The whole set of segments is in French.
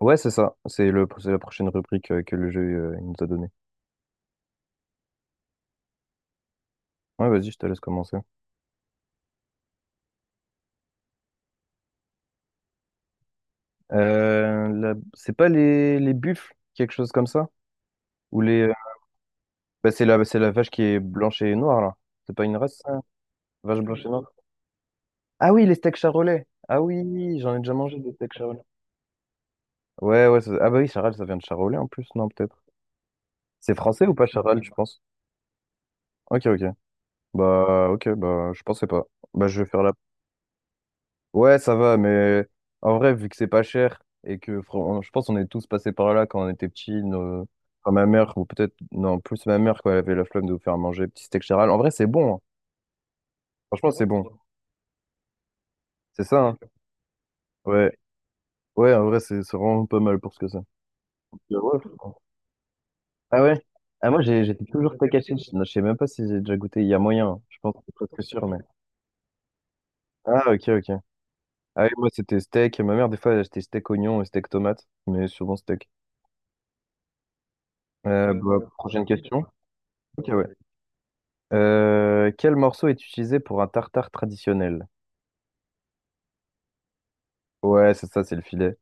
Ouais, c'est ça. C'est la prochaine rubrique que le jeu il nous a donnée. Ouais, vas-y, je te laisse commencer. C'est pas les buffles, quelque chose comme ça? Ou les... euh, bah, c'est la vache qui est blanche et noire, là. C'est pas une race, ça? Vache blanche et noire. Ah oui, les steaks charolais. Ah oui, j'en ai déjà mangé des steaks charolais. Ouais, ouais. Ah bah oui, Charal, ça vient de Charolais en plus, non, peut-être. C'est français ou pas Charal, tu penses? Ok, ok. Bah, ok, bah, je pensais pas. Bah, je vais faire la... Ouais, ça va, mais en vrai, vu que c'est pas cher et que je pense qu'on est tous passés par là quand on était petits, enfin, ma mère, ou peut-être, non, plus ma mère, quand elle avait la flemme de nous faire manger, petit steak charal. En vrai, c'est bon, hein. Franchement, c'est bon. C'est ça, hein. Ouais, ouais, en vrai, c'est vraiment pas mal pour ce que c'est. Ouais, franchement. Ah ouais? Ah, moi, j'étais toujours steak haché. Je sais même pas si j'ai déjà goûté. Il y a moyen, hein. Je pense, que c'est presque sûr, mais. Ah, ok, ok. Ah, oui, moi, c'était steak. Ma mère, des fois, elle achetait steak oignon et steak tomate, mais souvent steak. Bah, prochaine question. Ok, ouais. Quel morceau est utilisé pour un tartare traditionnel? Ouais, c'est ça, c'est le filet.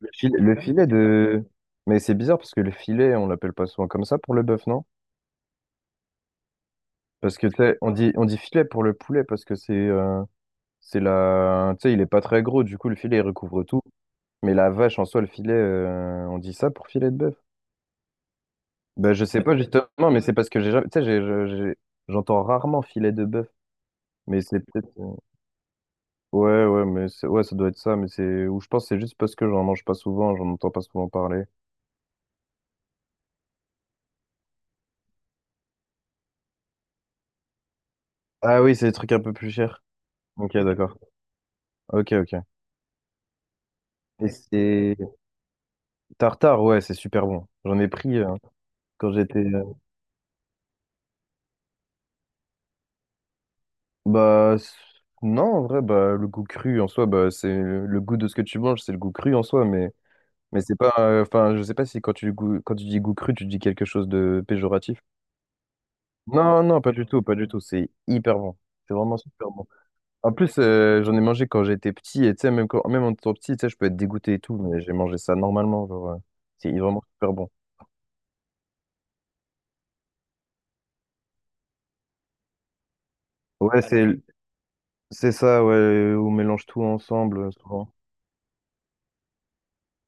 Le filet, le ouais, filet de... Mais c'est bizarre parce que le filet, on l'appelle pas souvent comme ça pour le bœuf, non? Parce que, tu sais, on dit filet pour le poulet parce que c'est la... Tu sais, il est pas très gros, du coup, le filet, il recouvre tout. Mais la vache, en soi, le filet, on dit ça pour filet de bœuf? Ben, je sais, ouais, pas, justement, mais c'est parce que j'ai jamais... Tu sais, j'entends rarement filet de bœuf. Mais c'est peut-être... Ouais, ouais, mais ouais, ça doit être ça, mais c'est ou je pense que c'est juste parce que j'en mange pas souvent, j'en entends pas souvent parler. Ah oui, c'est des trucs un peu plus chers. Ok, d'accord. Ok, ok. Et c'est tartare, ouais, c'est super bon. J'en ai pris quand j'étais... Bah s- non, en vrai, bah le goût cru en soi, bah c'est le goût de ce que tu manges, c'est le goût cru en soi, mais c'est pas. Enfin, je sais pas si quand tu goût... quand tu dis goût cru, tu dis quelque chose de péjoratif. Non, non, pas du tout, pas du tout. C'est hyper bon. C'est vraiment super bon. En plus, j'en ai mangé quand j'étais petit, et tu sais, même, quand, même en étant petit, tu sais, je peux être dégoûté et tout, mais j'ai mangé ça normalement, genre, c'est vraiment super bon. Ouais, c'est ça, ouais, on mélange tout ensemble, souvent.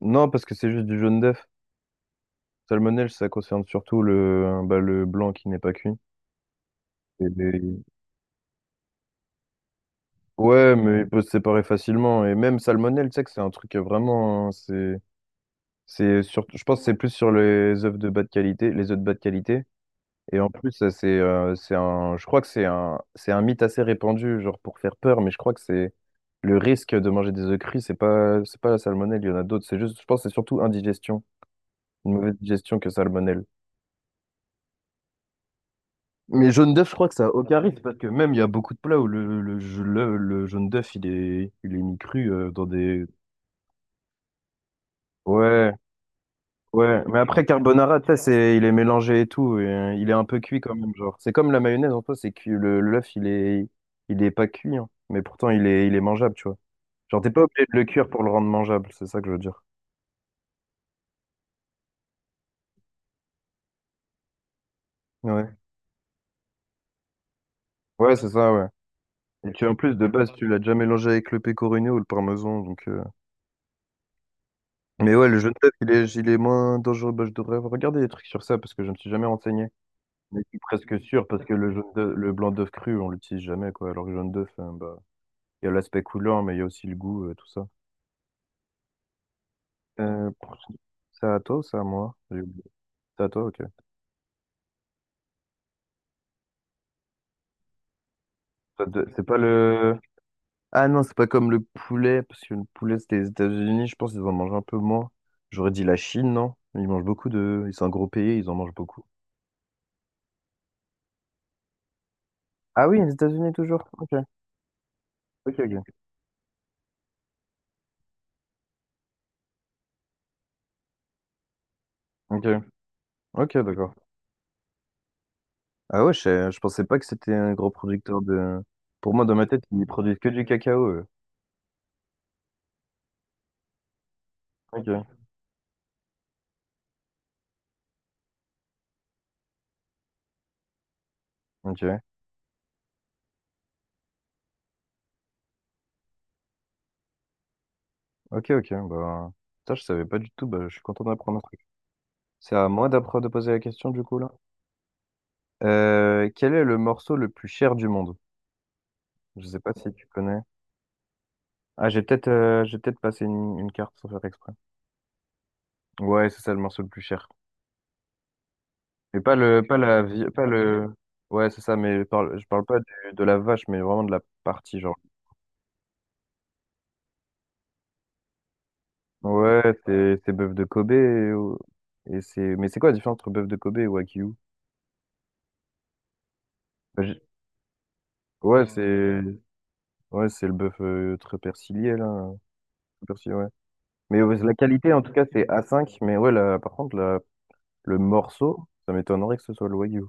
Non, parce que c'est juste du jaune d'œuf. Salmonelle, ça concerne surtout bah, le blanc qui n'est pas cuit. Et les- Ouais, mais il peut se séparer facilement, et même salmonelle, tu sais que c'est un truc vraiment, hein, c'est surtout, je pense que c'est plus sur les œufs de bas de qualité, les œufs de bas de qualité. Et en plus, ça, c'est un, je crois que c'est un mythe assez répandu, genre pour faire peur, mais je crois que c'est le risque de manger des œufs crus, c'est pas la salmonelle, il y en a d'autres. C'est juste, je pense, que c'est surtout indigestion, une mauvaise digestion que salmonelle. Mais jaune d'œuf, je crois que ça a aucun risque parce que même il y a beaucoup de plats où le jaune d'œuf, il est mis cru dans des... Ouais. Ouais, mais après carbonara, tu sais, il est mélangé et tout, il est un peu cuit quand même, genre. C'est comme la mayonnaise en soi, c'est que le l'œuf, il est pas cuit, hein, mais pourtant il est mangeable, tu vois. Genre t'es pas obligé de le cuire pour le rendre mangeable, c'est ça que je veux dire. Ouais, ouais, c'est ça, ouais. Et tu en plus de base, tu l'as déjà mélangé avec le pecorino ou le parmesan, donc. Mais ouais, le Genève, il est moins dangereux. Bah, je devrais regarder des trucs sur ça parce que je ne me suis jamais renseigné. Mais je suis presque sûr parce que le blanc d'œuf cru, on l'utilise jamais, quoi. Alors que le jaune d'œuf, bah. Il y a l'aspect couleur, mais il y a aussi le goût, tout ça. Euh, c'est à toi ou c'est à moi? J'ai oublié. C'est à toi, ok. C'est pas le... Ah non, c'est pas comme le poulet, parce que le poulet, c'était les États-Unis, je pense qu'ils en mangent un peu moins. J'aurais dit la Chine, non? Ils mangent beaucoup de... Ils sont un gros pays, ils en mangent beaucoup. Ah oui, les États-Unis toujours. Ok. Ok, ok. Ok, ok, d'accord. Ah ouais, je pensais pas que c'était un gros producteur de... Pour moi, dans ma tête, ils produisent que du cacao, eux. Ok. Ok. Ok, ok. Bah, ça, je savais pas du tout. Bah, je suis content d'apprendre. C'est à moi de poser la question du coup là. Quel est le morceau le plus cher du monde? Je sais pas si tu connais. Ah, j'ai peut-être passé une carte sans faire exprès. Ouais, c'est ça le morceau le plus cher. Mais pas le pas la vie pas le. Ouais, c'est ça, mais je parle pas de la vache, mais vraiment de la partie genre. Ouais, c'est bœuf de Kobe et c'est mais c'est quoi la différence entre bœuf de Kobe et Wagyu? Bah, j'ai- Ouais, c'est ouais, c'est le bœuf très persillé là, très persillé, ouais. Mais la qualité, en tout cas, c'est A5. Mais ouais, par contre, le morceau, ça m'étonnerait que ce soit le Wagyu.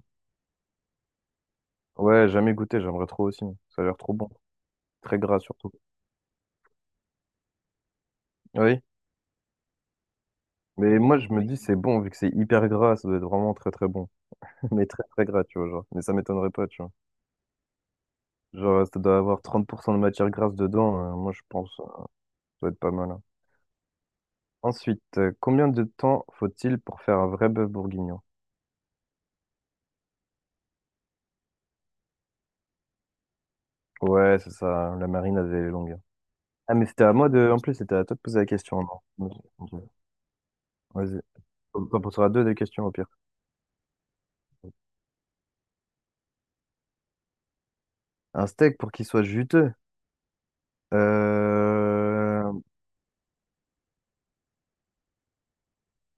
Ouais, jamais goûté, j'aimerais trop aussi. Ça a l'air trop bon. Très gras surtout. Oui. Mais moi, je me dis, c'est bon, vu que c'est hyper gras, ça doit être vraiment très très bon. Mais très très gras, tu vois, genre. Mais ça m'étonnerait pas, tu vois. Genre, ça doit avoir 30% de matière grasse dedans. Moi, je pense, ça doit être pas mal, hein. Ensuite, combien de temps faut-il pour faire un vrai bœuf bourguignon? Ouais, c'est ça, la marine elle est longue, hein. Ah, mais c'était à moi de. En plus, c'était à toi de poser la question, hein, non? Ok. ok. Vas-y, on t'en poseras deux des questions au pire. Un steak pour qu'il soit juteux. Euh,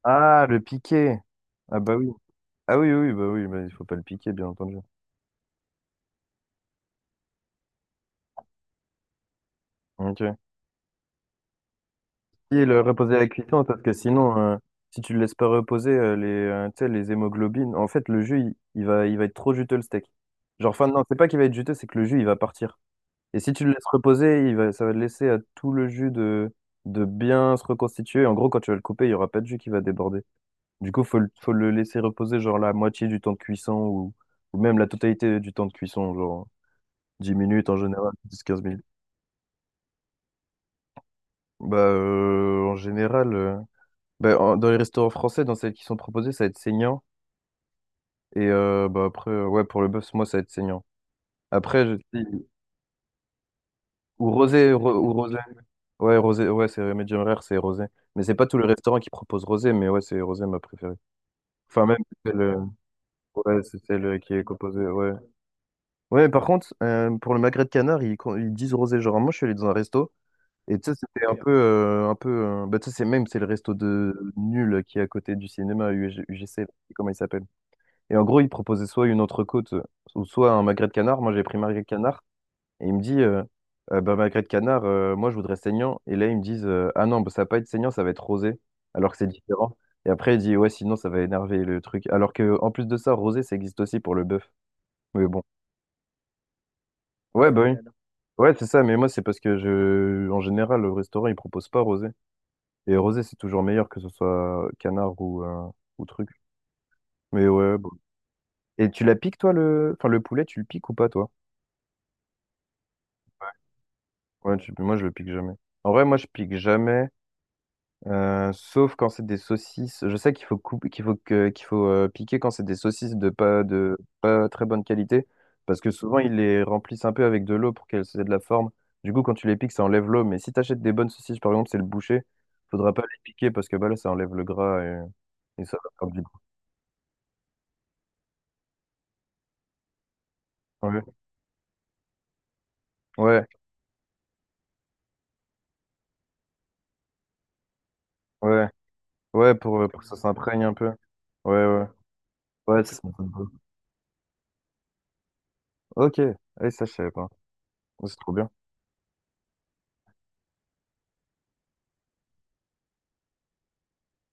Ah, le piquer. Ah bah oui. Ah oui, oui, bah, il faut pas le piquer, bien entendu. Ok. Et le reposer à la cuisson, parce que sinon, si tu le laisses pas reposer, les, tu sais, les hémoglobines, en fait, le jus, il va être trop juteux, le steak. Genre, enfin, non, c'est pas qu'il va être juteux, c'est que le jus, il va partir. Et si tu le laisses reposer, ça va laisser à tout le jus de bien se reconstituer. En gros, quand tu vas le couper, il y aura pas de jus qui va déborder. Du coup, faut le laisser reposer genre la moitié du temps de cuisson ou même la totalité du temps de cuisson, genre 10 minutes en général, 10-15 minutes. Bah, en général, bah, dans les restaurants français, dans celles qui sont proposées, ça va être saignant. Et bah, après, ouais, pour le bœuf, moi, ça va être saignant. Après, je dis, ou rosé. Ouais, rosé, ouais, c'est médium rare, c'est rosé. Mais c'est pas tous les restaurants qui proposent rosé, mais ouais, c'est rosé ma préférée. Enfin, même, c'est le, ouais, c'est celle qui est composée, ouais. Ouais, par contre, pour le magret de canard, ils disent rosé. Genre, moi, je suis allé dans un resto, et tu sais, c'était un peu, un peu, bah, tu sais, c'est le resto de Nul qui est à côté du cinéma UG UGC, là, comment il s'appelle. Et en gros, ils proposaient soit une entrecôte, ou soit un magret de canard. Moi, j'ai pris magret de canard, et il me dit, bah, magret de canard, moi, je voudrais saignant. Et là, ils me disent, ah non, bah, ça va pas être saignant, ça va être rosé, alors que c'est différent. Et après, il dit, ouais, sinon, ça va énerver le truc. Alors que, en plus de ça, rosé, ça existe aussi pour le bœuf. Mais bon. Ouais, bah oui. Ouais, c'est ça, mais moi, c'est parce que je, en général, le restaurant, il propose pas rosé. Et rosé, c'est toujours meilleur que ce soit canard ou truc. Mais ouais, bon. Et tu la piques, toi, le, enfin, le poulet, tu le piques ou pas, toi? Ouais, moi, je le pique jamais. En vrai, moi, je pique jamais. Sauf quand c'est des saucisses. Je sais qu'il faut couper, qu'il faut piquer quand c'est des saucisses de pas très bonne qualité, parce que souvent ils les remplissent un peu avec de l'eau pour qu'elles aient de la forme. Du coup, quand tu les piques, ça enlève l'eau. Mais si tu achètes des bonnes saucisses, par exemple, c'est le boucher, faudra pas les piquer parce que bah là, ça enlève le gras et ça va faire du goût. Ouais, ouais, ouais, ouais, pour que ça s'imprègne un peu. Ouais, ouais, ouais, ça sent un peu. Ok, ouais, ça je savais pas. C'est trop bien.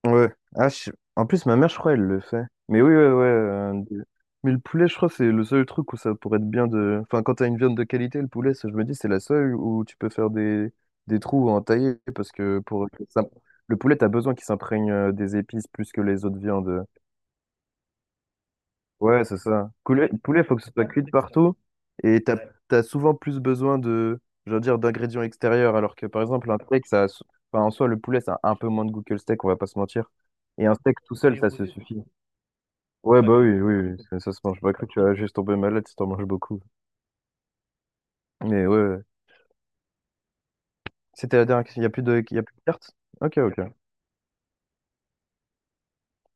Ouais. Ah, En plus, ma mère, je crois, elle le fait. Mais oui, ouais, ouais. Mais le poulet, je crois, c'est le seul truc où ça pourrait être bien de. Enfin, quand t'as une viande de qualité, le poulet, ça, je me dis, c'est la seule où tu peux faire des trous en tailler parce que pour que ça-, le poulet, t'as besoin qu'il s'imprègne des épices plus que les autres viandes. Ouais, c'est ça. Poulet, poulet, faut que ce soit cuit de partout. Et t'as souvent plus besoin de, je veux dire, d'ingrédients extérieurs. Alors que, par exemple, un steak, ça, enfin, en soi, le poulet, ça a un peu moins de goût que le steak, on va pas se mentir. Et un steak tout seul, ça se suffit. Ouais, bah oui, oui, oui, ça se mange. J'ai pas cru que tu vas juste tomber malade si t'en manges beaucoup. Mais ouais, ouais, c'était la dernière question. Il y a il y a plus de cartes? Ok, ok.